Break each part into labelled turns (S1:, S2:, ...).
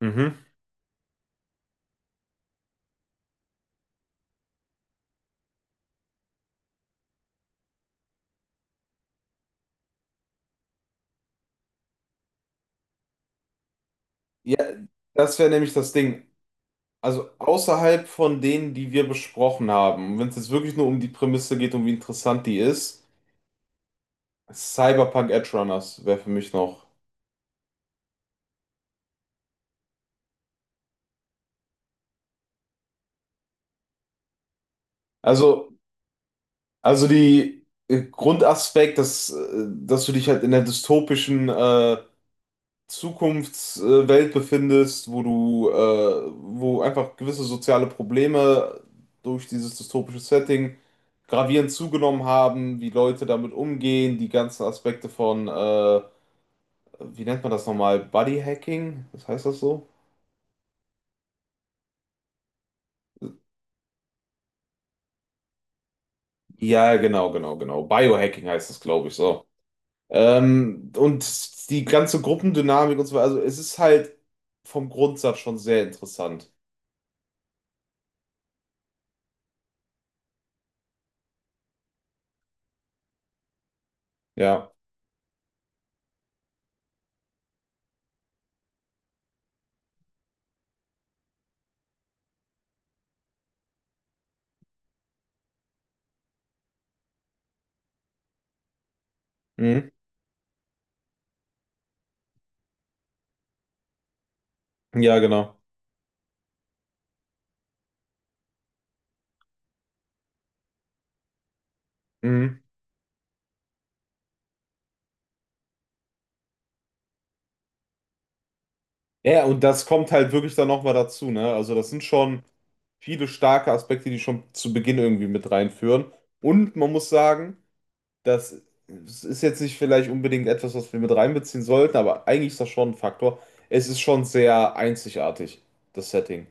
S1: Mhm. Ja, das wäre nämlich das Ding. Also außerhalb von denen, die wir besprochen haben, wenn es jetzt wirklich nur um die Prämisse geht und wie interessant die ist, Cyberpunk Edge Runners wäre für mich noch. Also, also die Grundaspekt, dass du dich halt in der dystopischen Zukunftswelt befindest, wo einfach gewisse soziale Probleme durch dieses dystopische Setting gravierend zugenommen haben, wie Leute damit umgehen, die ganzen Aspekte von, wie nennt man das nochmal? Bodyhacking? Was heißt das so? Ja, genau, genau, genau. Biohacking heißt das, glaube ich, so. Und die ganze Gruppendynamik und so weiter. Also es ist halt vom Grundsatz schon sehr interessant. Ja. Mhm. Ja, genau. Mhm. Ja, ja, und das kommt halt wirklich dann nochmal dazu, ne? Also das sind schon viele starke Aspekte, die schon zu Beginn irgendwie mit reinführen. Und man muss sagen, das ist jetzt nicht vielleicht unbedingt etwas, was wir mit reinbeziehen sollten, aber eigentlich ist das schon ein Faktor. Es ist schon sehr einzigartig, das Setting.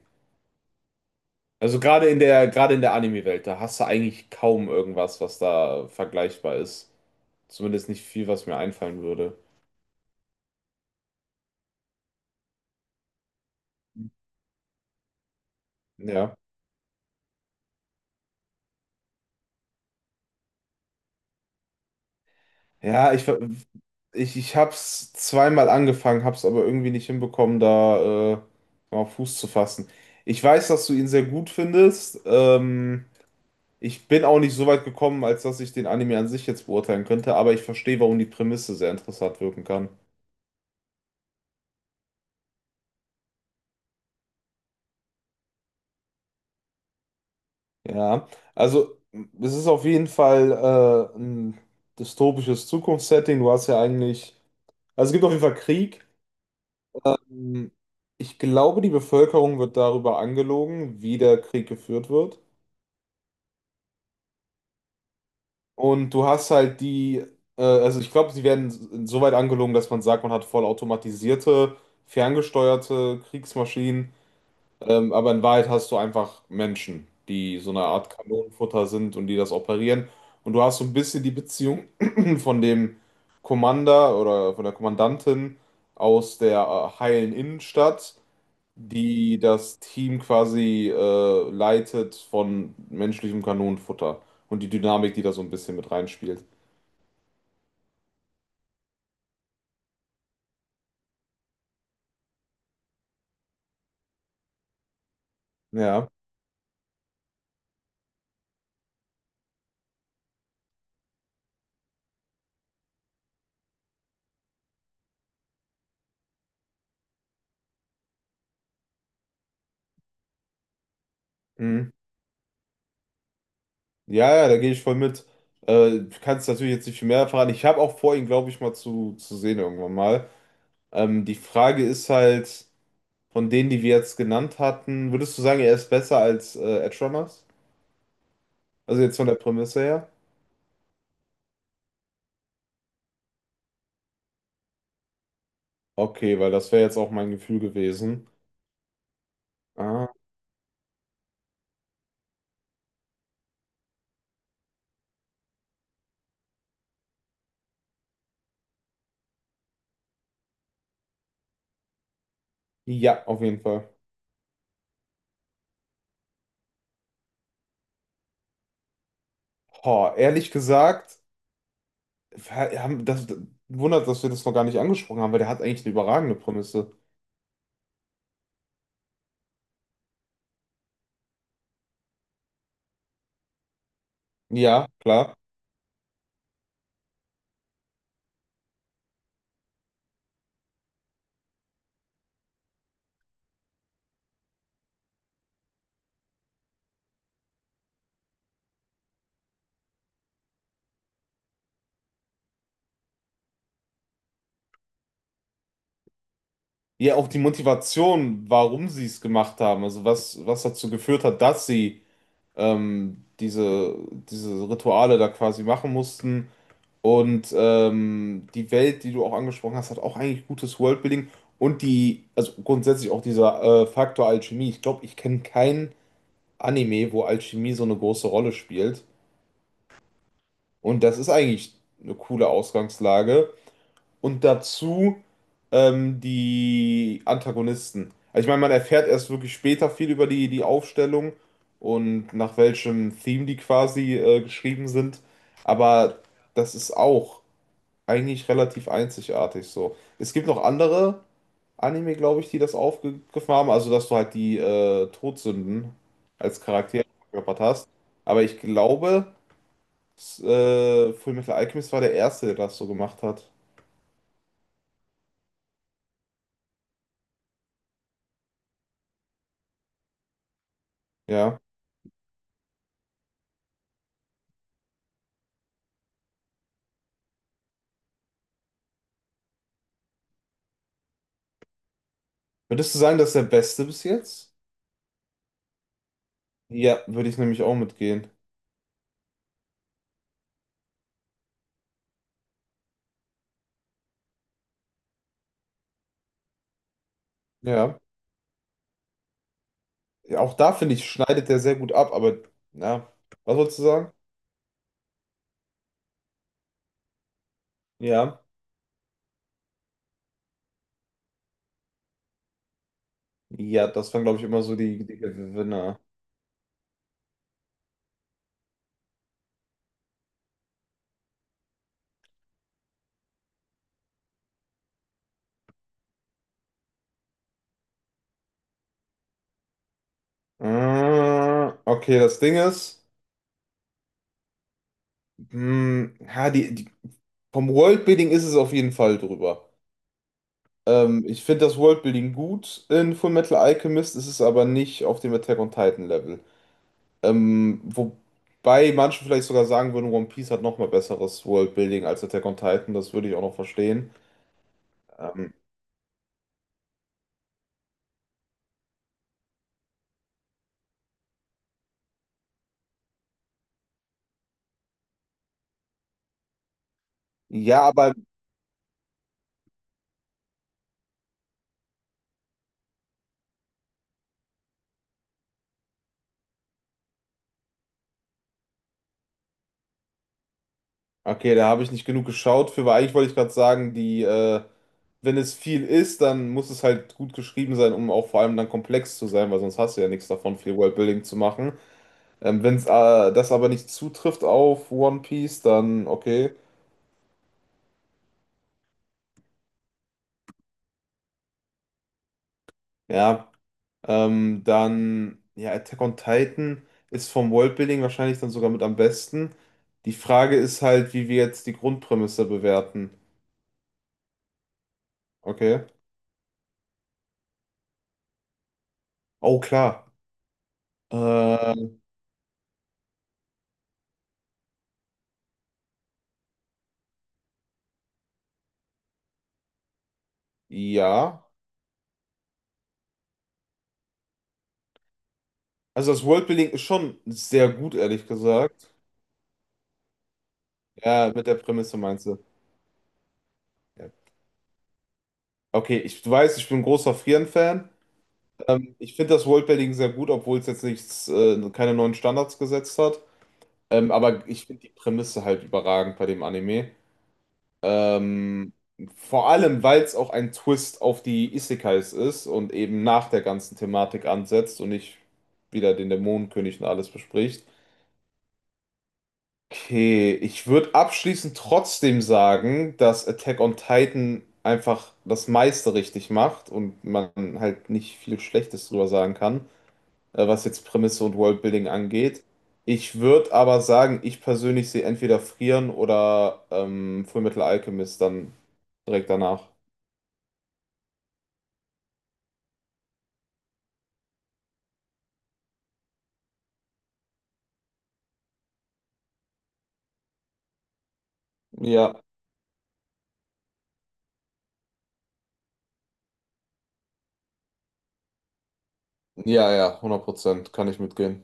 S1: Also gerade in der Anime-Welt, da hast du eigentlich kaum irgendwas, was da vergleichbar ist. Zumindest nicht viel, was mir einfallen würde. Ja. Ja, ich, ver- ich hab's zweimal angefangen, hab's aber irgendwie nicht hinbekommen, da mal Fuß zu fassen. Ich weiß, dass du ihn sehr gut findest. Ich bin auch nicht so weit gekommen, als dass ich den Anime an sich jetzt beurteilen könnte, aber ich verstehe, warum die Prämisse sehr interessant wirken kann. Ja, also es ist auf jeden Fall ein dystopisches Zukunftssetting. Du hast ja eigentlich, Also es gibt auf jeden Fall Krieg. Ähm, Ich glaube, die Bevölkerung wird darüber angelogen, wie der Krieg geführt wird. Und du hast halt die, also ich glaube, sie werden so weit angelogen, dass man sagt, man hat vollautomatisierte, ferngesteuerte Kriegsmaschinen. Aber in Wahrheit hast du einfach Menschen, die so eine Art Kanonenfutter sind und die das operieren. Und du hast so ein bisschen die Beziehung von dem Commander oder von der Kommandantin aus der heilen Innenstadt die das Team quasi leitet von menschlichem Kanonenfutter und die Dynamik, die da so ein bisschen mit reinspielt. Ja, mhm. Ja, ja, da gehe ich voll mit. Du kannst natürlich jetzt nicht viel mehr verraten. Ich habe auch vor, ihn, glaube ich, mal zu sehen irgendwann mal. Die Frage ist halt, von denen, die wir jetzt genannt hatten, würdest du sagen, er ist besser als Edge Runners? Also jetzt von der Prämisse her? Okay, weil das wäre jetzt auch mein Gefühl gewesen. Ah, ja, auf jeden Fall. Boah, ehrlich gesagt. Wir haben das, wundert, dass wir das noch gar nicht angesprochen haben, weil der hat eigentlich eine überragende Prämisse. Ja, klar. Ja, auch die Motivation, warum sie es gemacht haben, also was dazu geführt hat, dass sie ähm, diese, diese Rituale da quasi machen mussten. Und die Welt, die du auch angesprochen hast, hat auch eigentlich gutes Worldbuilding. Und also grundsätzlich auch dieser Faktor Alchemie. Ich glaube, ich kenne keinen Anime, wo Alchemie so eine große Rolle spielt. Und das ist eigentlich eine coole Ausgangslage. Und dazu die Antagonisten. Also ich meine, man erfährt erst wirklich später viel über die Aufstellung und nach welchem Theme die quasi geschrieben sind. Aber das ist auch eigentlich relativ einzigartig so. Es gibt noch andere Anime, glaube ich, die das aufgegriffen haben. Also, dass du halt die Todsünden als Charakter verkörpert hast. Aber ich glaube. Fullmetal Alchemist war der erste, der das so gemacht hat. Ja. Würdest du sagen, das ist der beste bis jetzt? Ja, würde ich nämlich auch mitgehen. Ja. Auch da finde ich, schneidet der sehr gut ab, aber na, was wolltest du sagen? Ja. Ja, das waren, glaube ich, immer so die Gewinner. Okay, das Ding ist, mh, ha, die, die, vom Worldbuilding ist es auf jeden Fall drüber. Ich finde das Worldbuilding gut in Fullmetal Alchemist, es ist aber nicht auf dem Attack on Titan Level. Wobei manche vielleicht sogar sagen würden, One Piece hat nochmal besseres Worldbuilding als Attack on Titan, das würde ich auch noch verstehen. Ähm, ja, aber okay, da habe ich nicht genug geschaut für, weil eigentlich wollte ich gerade sagen, wenn es viel ist, dann muss es halt gut geschrieben sein, um auch vor allem dann komplex zu sein, weil sonst hast du ja nichts davon, viel Worldbuilding zu machen. Wenn es das aber nicht zutrifft auf One Piece, dann okay. Ja, dann, ja, Attack on Titan ist vom Worldbuilding wahrscheinlich dann sogar mit am besten. Die Frage ist halt, wie wir jetzt die Grundprämisse bewerten. Okay. Oh, klar. Äh, ja. Also das Worldbuilding ist schon sehr gut, ehrlich gesagt. Ja, mit der Prämisse meinst du. Ja. Okay, ich, du weißt, ich bin ein großer Frieren-Fan. Ich finde das Worldbuilding sehr gut, obwohl es jetzt nichts, keine neuen Standards gesetzt hat. Aber ich finde die Prämisse halt überragend bei dem Anime. Ähm, vor allem, weil es auch ein Twist auf die Isekais ist und eben nach der ganzen Thematik ansetzt und nicht wieder den Dämonenkönig und alles bespricht. Okay, ich würde abschließend trotzdem sagen, dass Attack on Titan einfach das meiste richtig macht und man halt nicht viel Schlechtes drüber sagen kann, was jetzt Prämisse und Worldbuilding angeht. Ich würde aber sagen, ich persönlich sehe entweder Frieren oder Fullmetal Alchemist dann direkt danach. Ja, ja, ja, 100% kann ich mitgehen.